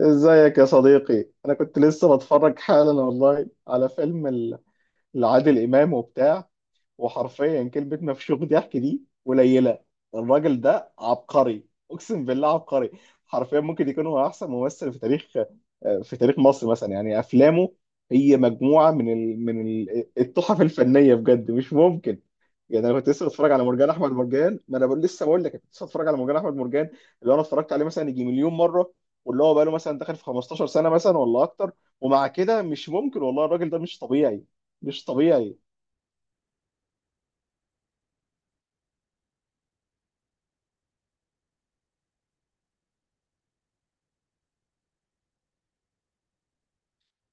ازيك يا صديقي؟ انا كنت لسه بتفرج حالا والله على لعادل امام وبتاع. وحرفيا كلمه مفشوخ ضحك دي قليله. الراجل ده عبقري، اقسم بالله عبقري. حرفيا ممكن يكون هو احسن ممثل في تاريخ، في تاريخ مصر مثلا. يعني افلامه هي مجموعه من التحف الفنيه بجد، مش ممكن. يعني انا كنت لسه بتفرج على مرجان احمد مرجان، ما انا بقول بقول لك كنت لسه بتفرج على مرجان احمد مرجان. اللي انا اتفرجت عليه مثلا يجي مليون مره، واللي هو بقى له مثلا داخل في 15 سنه مثلا ولا اكتر. ومع كده مش ممكن والله، الراجل ده مش طبيعي، مش طبيعي.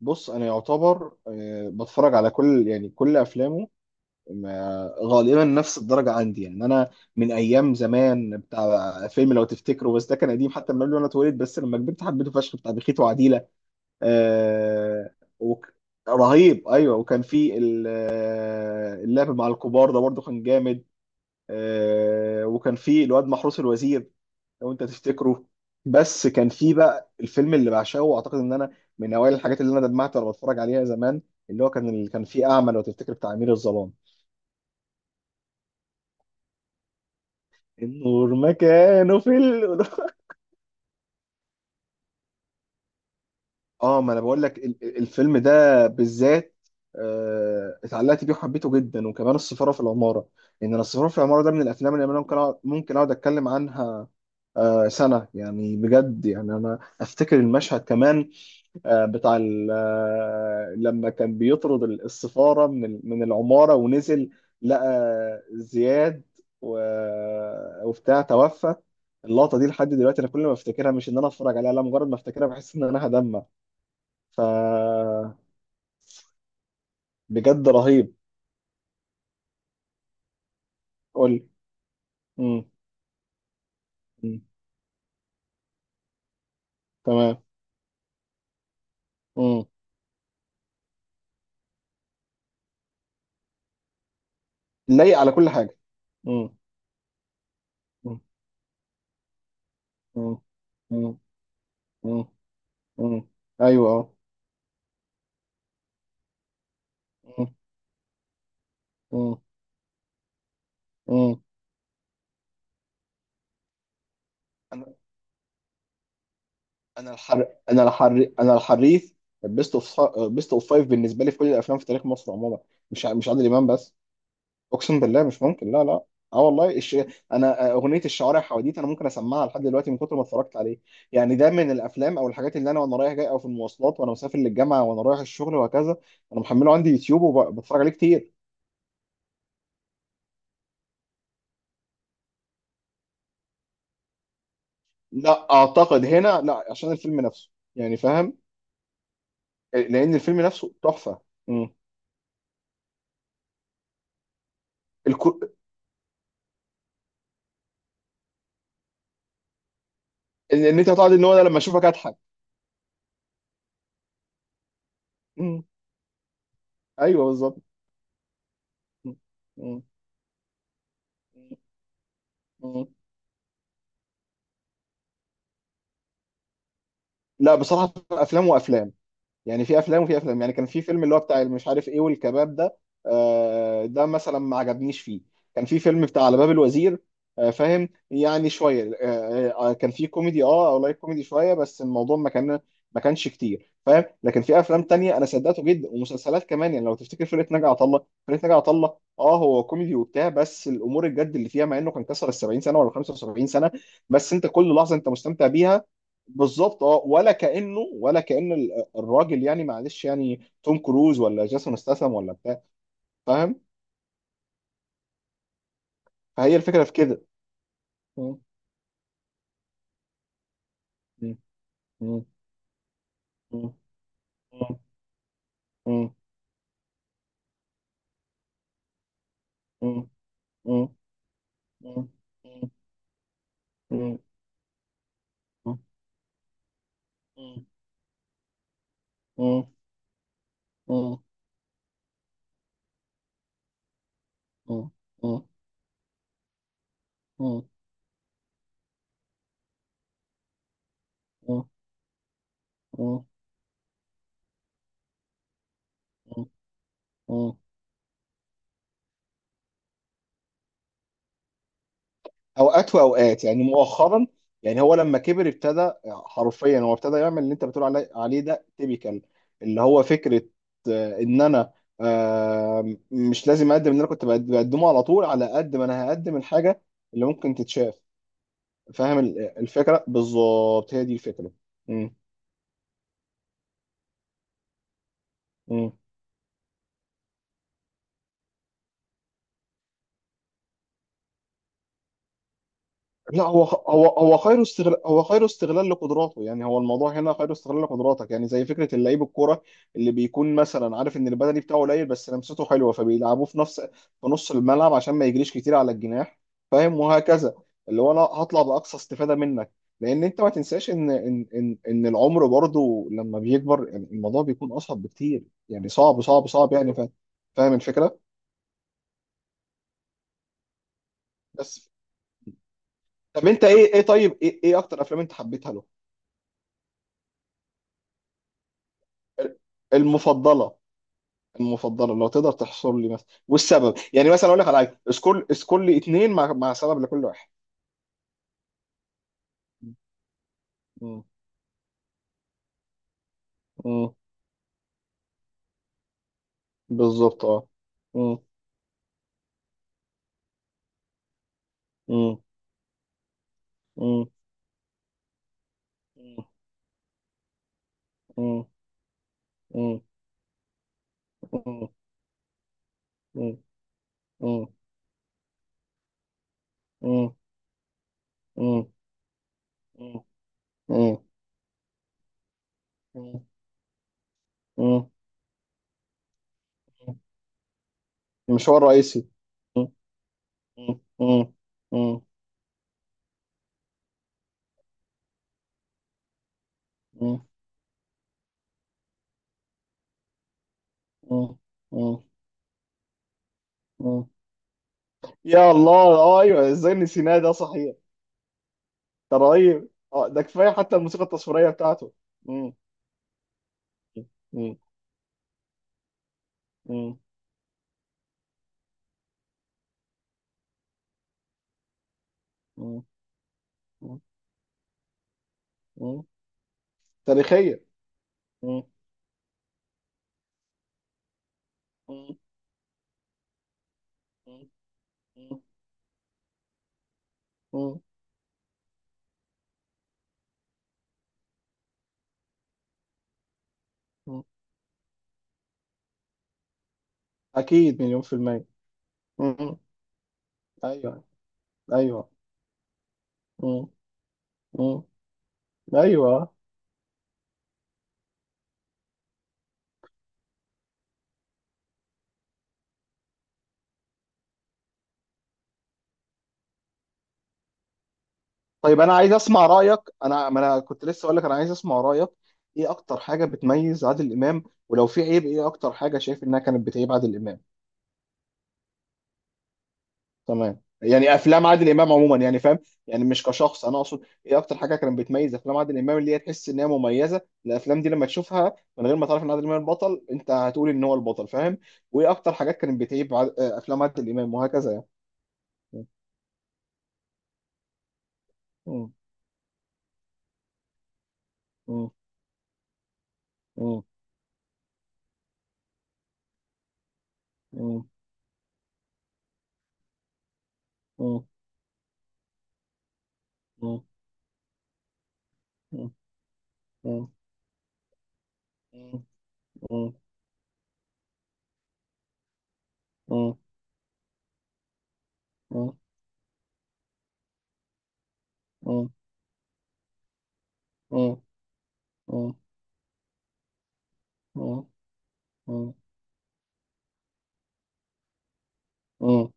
بص، انا يعتبر بتفرج على كل، يعني كل افلامه غالبا نفس الدرجه عندي يعني انا. من ايام زمان بتاع فيلم لو تفتكروا، بس ده كان قديم حتى من قبل ما انا اتولد، بس لما كبرت حبيته فشخ، بتاع بخيت وعديلة. آه. وك... رهيب، ايوه. وكان في اللعب مع الكبار ده برضو كان جامد. آه، وكان في الواد محروس الوزير، لو انت تفتكره. بس كان في بقى الفيلم اللي بعشقه، واعتقد ان انا من اوائل الحاجات اللي انا دمعت وانا بتفرج عليها زمان، اللي هو كان، اللي كان فيه اعمى لو تفتكر، بتاع امير الظلام. النور مكانه في اه، ما انا بقول لك الفيلم ده بالذات اتعلقت بيه وحبيته جدا، وكمان السفاره في العماره. ان انا السفاره في العماره ده من الافلام اللي انا ممكن اقعد اتكلم عنها سنه، يعني بجد. يعني انا افتكر المشهد كمان، بتاع لما كان بيطرد السفاره من العماره ونزل لقى زياد وبتاع توفى. اللقطه دي لحد دلوقتي انا كل ما افتكرها، مش ان انا اتفرج عليها لا، مجرد ما افتكرها بحس ان انا هدمع. ف بجد رهيب. قول لي. مم. مم. تمام. مم. لايق على كل حاجة. مم. مم. مم. مم. مم. مم. ايوه اه. مم. مم. مم. انا انا الحريف. بيست اوف، بيست اوف فايف بالنسبة لي في كل الافلام في تاريخ مصر عموما، مش عادل امام بس. اقسم بالله مش ممكن، لا لا. اه والله انا اغنيه الشوارع حواديت انا ممكن اسمعها لحد دلوقتي من كتر ما اتفرجت عليه. يعني ده من الافلام او الحاجات اللي انا وانا رايح جاي او في المواصلات وانا مسافر للجامعه وانا رايح الشغل وهكذا. انا محمله عندي يوتيوب وبتفرج عليه كتير. لا، اعتقد هنا لا، عشان الفيلم نفسه يعني. فاهم؟ لان الفيلم نفسه تحفه. امم. الكو... ان انت هتقعد، ان هو أنا لما اشوفك اضحك. امم. ايوه بالظبط. مم. مم. مم. لا بصراحه افلام وافلام، يعني في افلام وفي افلام. يعني كان في فيلم اللي هو بتاع مش عارف ايه، والكباب ده ده مثلا ما عجبنيش فيه. كان في فيلم بتاع على باب الوزير فاهم يعني شويه كان في كوميدي اه، او لايت كوميدي شويه، بس الموضوع ما كان، ما كانش كتير فاهم. لكن في افلام تانية انا صدقته جدا، ومسلسلات كمان يعني، لو تفتكر فرقه ناجي عطا الله. فرقه ناجي عطا الله اه هو كوميدي وبتاع، بس الامور الجد اللي فيها، مع انه كان كسر ال 70 سنه ولا 75 سنه، بس انت كل لحظه انت مستمتع بيها. بالظبط، اه، ولا كانه، ولا كان. الراجل يعني معلش يعني توم كروز ولا جاسون استاثام ولا بتاع. فاهم؟ فهي الفكره في كده. مم. مم. مم. مم. مم. مم. مم. مم. مم. مم. مم. مم. مم. مم. مم. مم. مم. مم. اوقات واوقات، يعني مؤخرا يعني هو لما كبر ابتدى، حرفيا هو ابتدى يعمل اللي انت بتقول عليه، ده تيبيكال. اللي هو فكره ان انا مش لازم اقدم اللي انا بقدمه على طول، على قد ما انا هقدم الحاجه اللي ممكن تتشاف. فاهم الفكره؟ بالظبط هي دي الفكره. مم. لا هو خير استغلال، هو خير استغلال لقدراته. يعني هو الموضوع هنا خير استغلال لقدراتك. يعني زي فكره اللعيب الكوره اللي بيكون مثلا عارف ان البدني بتاعه قليل، بس لمسته حلوه، فبيلعبوه في، في نص الملعب عشان ما يجريش كتير على الجناح. فاهم؟ وهكذا. اللي هو انا هطلع باقصى استفاده منك. لان انت ما تنساش ان العمر برضه لما بيكبر يعني الموضوع بيكون اصعب بكتير. يعني صعب صعب صعب يعني. فاهم؟ فاهم الفكره. بس. طب انت ايه اكتر افلام انت حبيتها له؟ المفضله. المفضله لو تقدر تحصر لي مثلا والسبب، يعني مثلا اقول لك على حاجه، اسكول، اسكول لي اتنين مع سبب لكل واحد. م-. م-. بالظبط اه. م-. م-. م-. م-. م-. م-. م-. م-. م-. م-. م-. م-. م-. مش هو الرئيسي. مم. مم. مم. مم. مم. مم. مم. يا الله اه، ايوه، ازاي نسيناه ده صحيح. ده رهيب اه. ده كفايه حتى الموسيقى التصويريه بتاعته. مم. مم. مم. مم. مم. تاريخية. مم. مم. مم. مم. مم. أكيد مليون في المية. مم. أيوه. أيوه. مم. مم. أيوه. طيب أنا عايز أسمع رأيك. أنا ما أنا كنت لسه أقول لك أنا عايز أسمع رأيك. إيه أكتر حاجة بتميز عادل إمام؟ ولو في عيب، إيه أكتر حاجة شايف إنها كانت بتعيب عادل إمام؟ تمام. يعني افلام عادل امام عموما يعني، فاهم؟ يعني مش كشخص. انا اقصد ايه اكتر حاجه كانت بتميز افلام عادل امام اللي هي تحس ان هي مميزه الافلام دي. لما تشوفها من غير ما تعرف ان عادل امام البطل، انت هتقول ان هو البطل، فاهم؟ وايه اكتر حاجات كانت بتعيب افلام عادل امام وهكذا يعني. مم. مم. مم. مم. مم. مم. مم. مم. مم. مم. مم. مم. مم. مم. مم. مم. مم. مم. مم.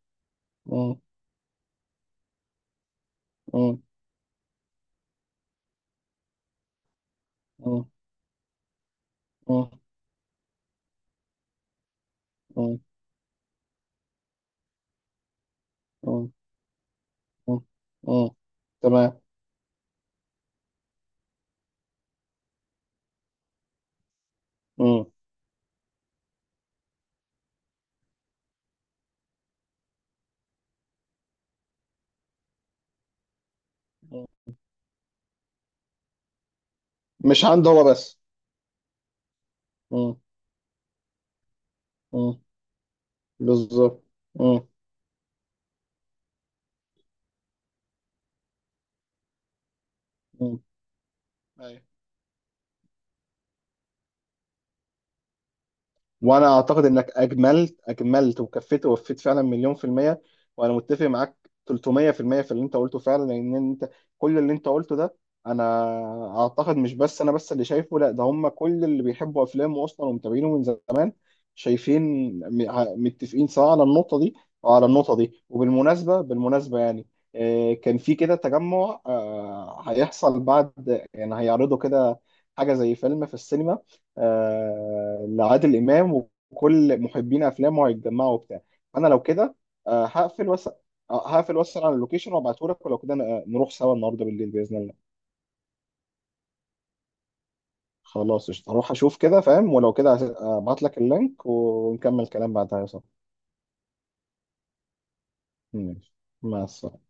مم. مم. مم. مم. تمام. مم. مش عنده هو بس. مم. مم. بالظبط. مم. مم. أيوة. وانا اعتقد انك اجملت وكفيت ووفيت، فعلا مليون في المية. وانا متفق معاك 300% في اللي انت قلته فعلا، لان انت كل اللي انت قلته ده، انا اعتقد مش بس انا بس اللي شايفه، لا ده هم كل اللي بيحبوا افلامه اصلا ومتابعينه من زمان شايفين متفقين، سواء على النقطة دي او على النقطة دي. وبالمناسبة يعني كان في كده تجمع هيحصل، بعد يعني هيعرضوا كده حاجة زي فيلم في السينما لعادل امام، وكل محبين افلامه هيتجمعوا وبتاع. انا لو كده آه، هقفل وس هقفل واسال على اللوكيشن وابعته لك، ولو كده نروح سوا النهارده بالليل باذن الله. خلاص قشطة. هروح اشوف كده فاهم. ولو كده هبعت لك اللينك ونكمل كلام بعدها يا صاحبي. ماشي. مع السلامه.